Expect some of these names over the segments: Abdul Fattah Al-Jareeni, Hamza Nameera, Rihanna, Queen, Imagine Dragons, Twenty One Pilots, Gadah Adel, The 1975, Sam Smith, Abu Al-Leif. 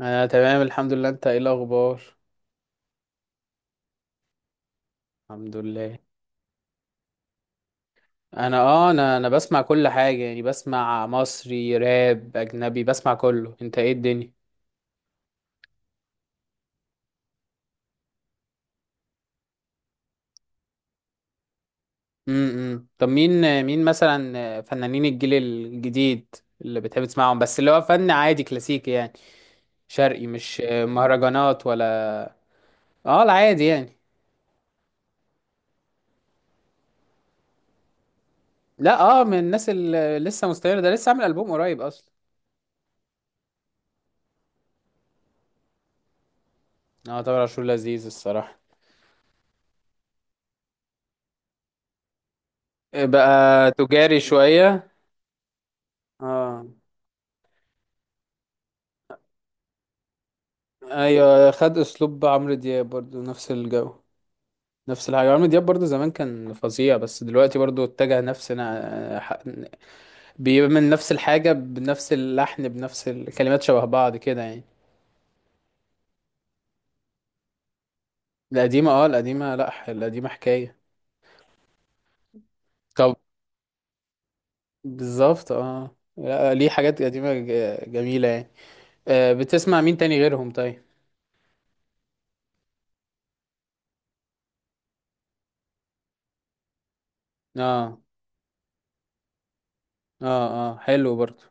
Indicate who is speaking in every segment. Speaker 1: انا تمام الحمد لله. انت ايه الاخبار؟ الحمد لله. انا اه انا انا بسمع كل حاجه، يعني بسمع مصري، راب، اجنبي، بسمع كله. انت ايه الدنيا؟ طب مين؟ مين مثلا فنانين الجيل الجديد اللي بتحب تسمعهم؟ بس اللي هو فن عادي كلاسيكي يعني، شرقي، مش مهرجانات ولا؟ اه العادي يعني. لا اه، من الناس اللي لسه مستمر، ده لسه عامل البوم قريب اصلا. اه طبعا عاشور لذيذ الصراحه. بقى تجاري شويه. اه، ايوه، خد اسلوب عمرو دياب برضو نفس الجو، نفس الحاجه. عمرو دياب برضو زمان كان فظيع، بس دلوقتي برضو اتجه نفس بيعمل نفس الحاجه، بنفس اللحن، بنفس الكلمات، شبه بعض كده يعني. القديمه، اه القديمه، لا ح- القديمه حكايه. طب بالظبط اه، لا، ليه حاجات قديمه جميله يعني. آه، بتسمع مين تاني غيرهم طيب؟ اه، اه، اه، حلو برضو.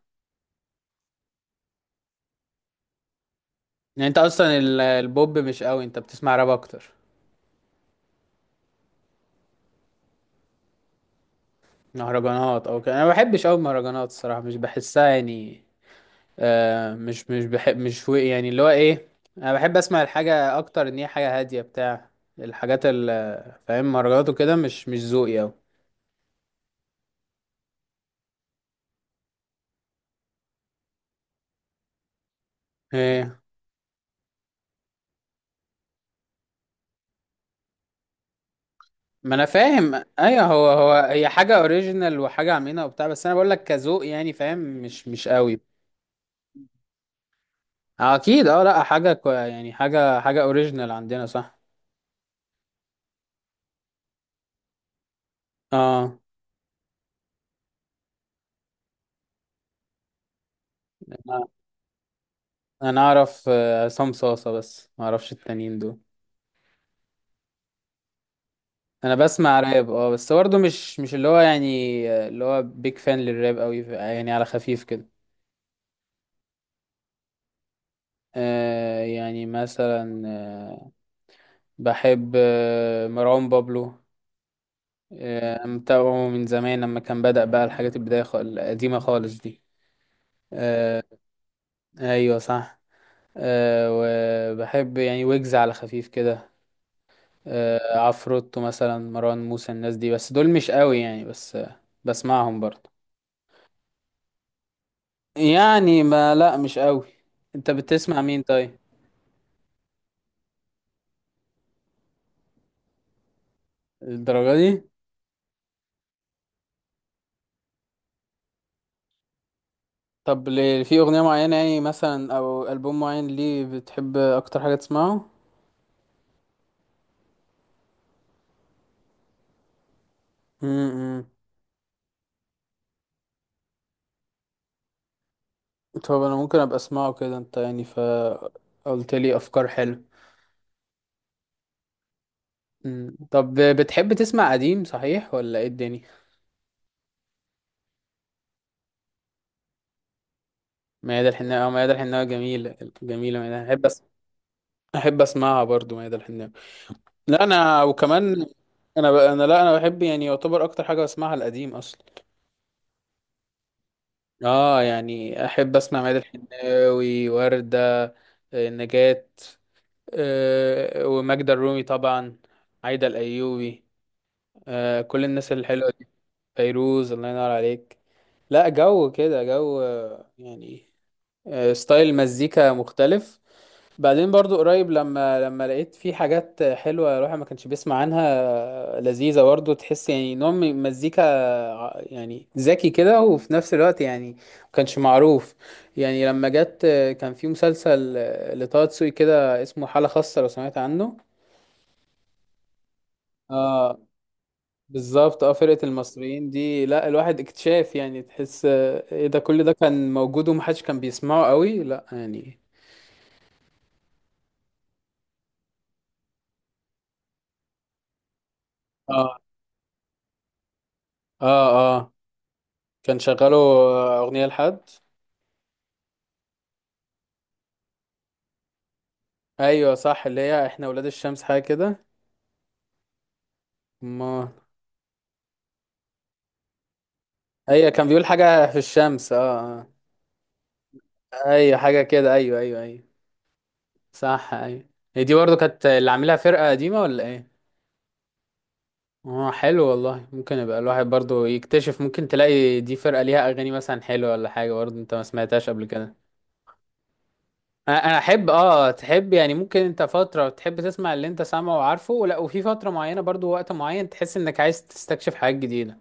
Speaker 1: يعني انت اصلا البوب مش قوي، انت بتسمع راب اكتر. مهرجانات او كده انا ما بحبش قوي، المهرجانات الصراحه مش بحسها يعني. آه، مش بحب، مش و- يعني اللي هو ايه، انا بحب اسمع الحاجه اكتر ان هي حاجه هاديه، بتاع الحاجات اللي، فاهم؟ مهرجانات وكده مش ذوقي قوي. ايه، ما انا فاهم. ايوه، هو هي حاجه اوريجينال، وحاجه عاملينها وبتاع، بس انا بقول لك كذوق يعني، فاهم؟ مش قوي. اكيد اه، لا حاجه كو يعني، حاجه حاجه اوريجينال عندنا صح. اه، انا أنا اعرف آه، عصام صاصه، بس ما اعرفش التانيين دول. انا بسمع راب اه، بس برضه مش اللي هو يعني، اللي هو بيج فان للراب قوي يعني، على خفيف كده. آه، يعني مثلا آه، بحب آه، مروان بابلو، آه، متابعه من زمان لما كان بدأ بقى، الحاجات البداية القديمة خالص دي. آه، ايوه صح. آه، وبحب يعني ويجز على خفيف كده. آه، عفروتو مثلا، مروان موسى، الناس دي، بس دول مش قوي يعني، بس آه بسمعهم برضه. يعني ما لا مش قوي. انت بتسمع مين طيب؟ الدرجة دي؟ طب في اغنية معينة يعني مثلا او البوم معين ليه بتحب اكتر حاجة تسمعه؟ امم طب انا ممكن ابقى اسمعه كده، انت يعني ف قلت لي افكار حلوه. طب بتحب تسمع قديم صحيح ولا ايه الدنيا؟ ميادة الحناوي، اه ميادة الحناوي جميلة، جميلة. ميادة احب اسمعها برضو، ميادة الحناوي. لا انا وكمان، انا ب... انا لا انا بحب يعني، يعتبر اكتر حاجة بسمعها القديم اصلا. اه يعني احب اسمع ميادة الحناوي، وردة، آه، نجاة، آه، وماجدة الرومي طبعا، عايدة الايوبي، آه، كل الناس الحلوه دي. فيروز الله ينور عليك، لا جو كده جو آه، يعني آه، ستايل مزيكا مختلف. بعدين برضو قريب، لما لقيت في حاجات حلوة الواحد ما كانش بيسمع عنها. آه، لذيذة برضو، تحس يعني نوع من مزيكا يعني ذكي كده، وفي نفس الوقت يعني ما كانش معروف. يعني لما جت آه، كان في مسلسل آه، لطه دسوقي كده اسمه حالة خاصة، لو سمعت عنه. اه بالظبط، اه فرقة المصريين دي، لا الواحد اكتشاف يعني، تحس آه، ايه ده، كل ده كان موجود ومحدش كان بيسمعه قوي، لا يعني. اه، اه آه. كان شغاله آه، اغنيه لحد، ايوه صح، اللي هي احنا ولاد الشمس حاجه كده. ما ايوه، كان بيقول حاجه في الشمس اه آه. ايوه، حاجه كده، ايوه ايوه ايوه، صح ايوه. هي دي برضو كانت اللي عاملها فرقه قديمه ولا ايه؟ اه حلو والله، ممكن يبقى الواحد برضو يكتشف، ممكن تلاقي دي فرقه ليها اغاني مثلا حلوه ولا حاجه برضو انت ما سمعتهاش قبل كده. أنا احب اه، تحب يعني، ممكن انت فتره تحب تسمع اللي انت سامعه وعارفه، لا وفي فتره معينه برضو، وقت معين تحس انك عايز تستكشف حاجات جديده.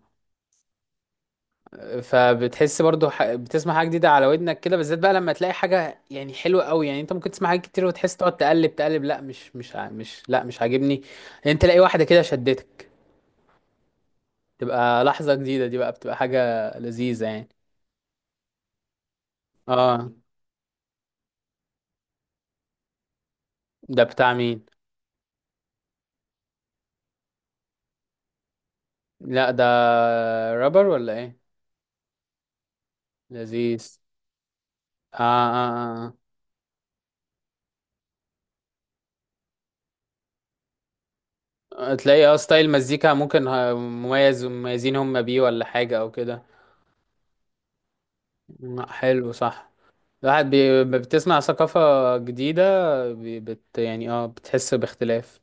Speaker 1: فبتحس برضو بتسمع حاجه جديده على ودنك كده، بالذات بقى لما تلاقي حاجه يعني حلوه قوي. يعني انت ممكن تسمع حاجات كتير وتحس، تقعد تقلب لا مش مش ع- مش لا مش عاجبني، انت تلاقي واحده كده شدتك، تبقى لحظه جديده دي بقى، بتبقى حاجه لذيذه يعني. اه ده بتاع مين؟ لا ده رابر ولا ايه؟ لذيذ. اه، اه، اه آه. تلاقي اه، ستايل مزيكا ممكن مميز، مميزين هم بيه ولا حاجه او كده. لا، حلو صح. الواحد بتسمع ثقافة جديدة، يعني اه بتحس باختلاف.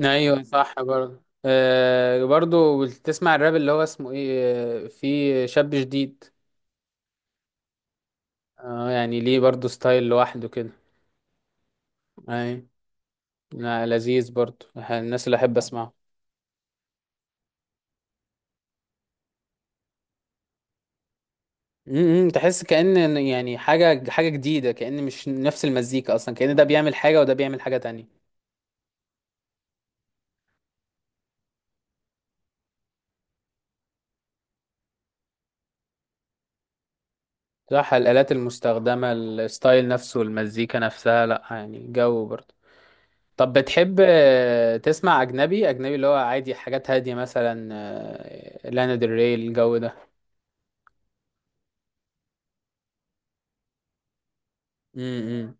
Speaker 1: ايوه صح برضه، آه برضه بتسمع الراب اللي هو اسمه ايه آه، في شاب جديد. اه يعني ليه برضه ستايل لوحده كده. اي، لا، لذيذ برضه، الناس اللي احب اسمعه. امم، تحس كأن يعني حاجة جديدة، كأن مش نفس المزيكا اصلا، كأن ده بيعمل حاجة وده بيعمل حاجة تانية. صح، الآلات المستخدمة، الستايل نفسه، المزيكا نفسها، لا يعني جو برضه. طب بتحب آه، تسمع اجنبي؟ اجنبي اللي هو عادي، حاجات هاديه مثلا آه، لانا ديل ري الجو ده. امم،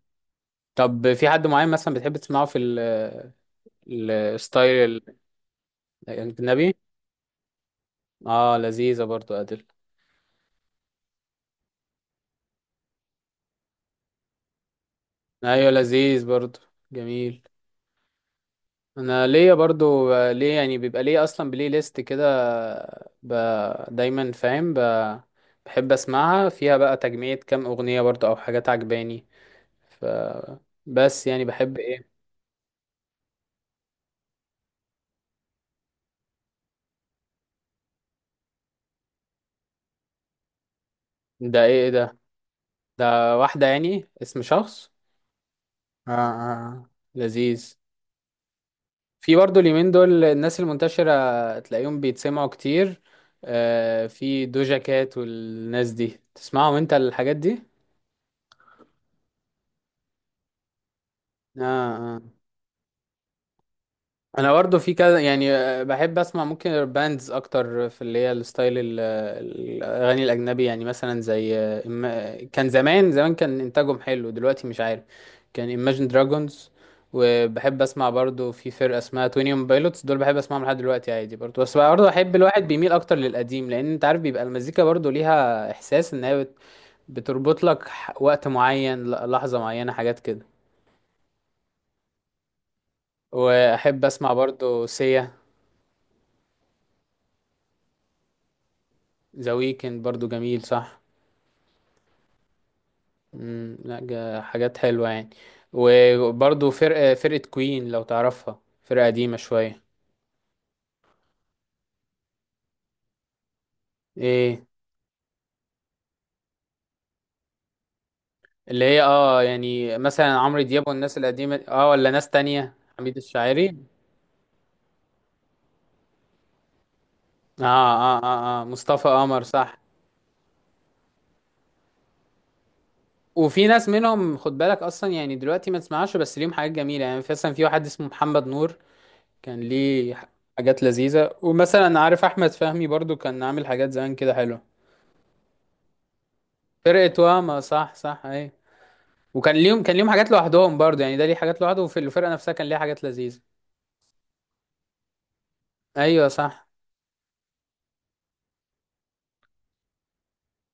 Speaker 1: طب في حد معين مثلا بتحب تسمعه في الستايل الاجنبي؟ اه لذيذه برضو ادل. ايوه لذيذ برضو، جميل. انا ليا برضو آه، ليه يعني، بيبقى ليه اصلا بلاي ليست كده، ب... دايما فاهم، بحب اسمعها، فيها بقى تجميع كام اغنيه برضو او حاجات عجباني ف، بس يعني بحب ايه. ده ايه؟ ايه ده؟ ده واحدة يعني اسم شخص؟ آه آه. لذيذ. في برضو اليومين دول الناس المنتشرة تلاقيهم بيتسمعوا كتير، آه في دوجا كات والناس دي، تسمعهم انت الحاجات دي؟ آه، انا برضه في كذا يعني آه، بحب اسمع ممكن باندز اكتر، في اللي هي الستايل الاغاني الاجنبي يعني، مثلا زي آه، كان زمان كان انتاجهم حلو، دلوقتي مش عارف، كان Imagine Dragons. وبحب اسمع برضه في فرقه اسمها 21 بايلوتس، دول بحب اسمعهم لحد دلوقتي عادي برضه، بس برضه بحب الواحد بيميل اكتر للقديم، لان انت عارف بيبقى المزيكا برضه ليها احساس ان هي بتربط لك وقت معين، لحظه معينه، حاجات كده. واحب اسمع برضه سيا. ذا ويكند برضو جميل صح. لا حاجات حلوة يعني. وبرضو فرقة كوين لو تعرفها، فرقة قديمة شوية. ايه؟ اللي هي اه يعني مثلا عمرو دياب والناس القديمة اه، ولا ناس تانية؟ حميد الشاعري، اه اه اه، آه. مصطفى قمر صح. وفي ناس منهم خد بالك اصلا، يعني دلوقتي ما تسمعش، بس ليهم حاجات جميلة يعني، مثلا في واحد اسمه محمد نور، كان ليه حاجات لذيذة. ومثلا عارف احمد فهمي برضو، كان عامل حاجات زمان كده حلوة. فرقة واما، صح صح ايوه. وكان ليهم، كان ليهم حاجات لوحدهم برضه يعني، ده ليه حاجات لوحده، وفي الفرقة نفسها كان ليها حاجات لذيذة. ايوه صح.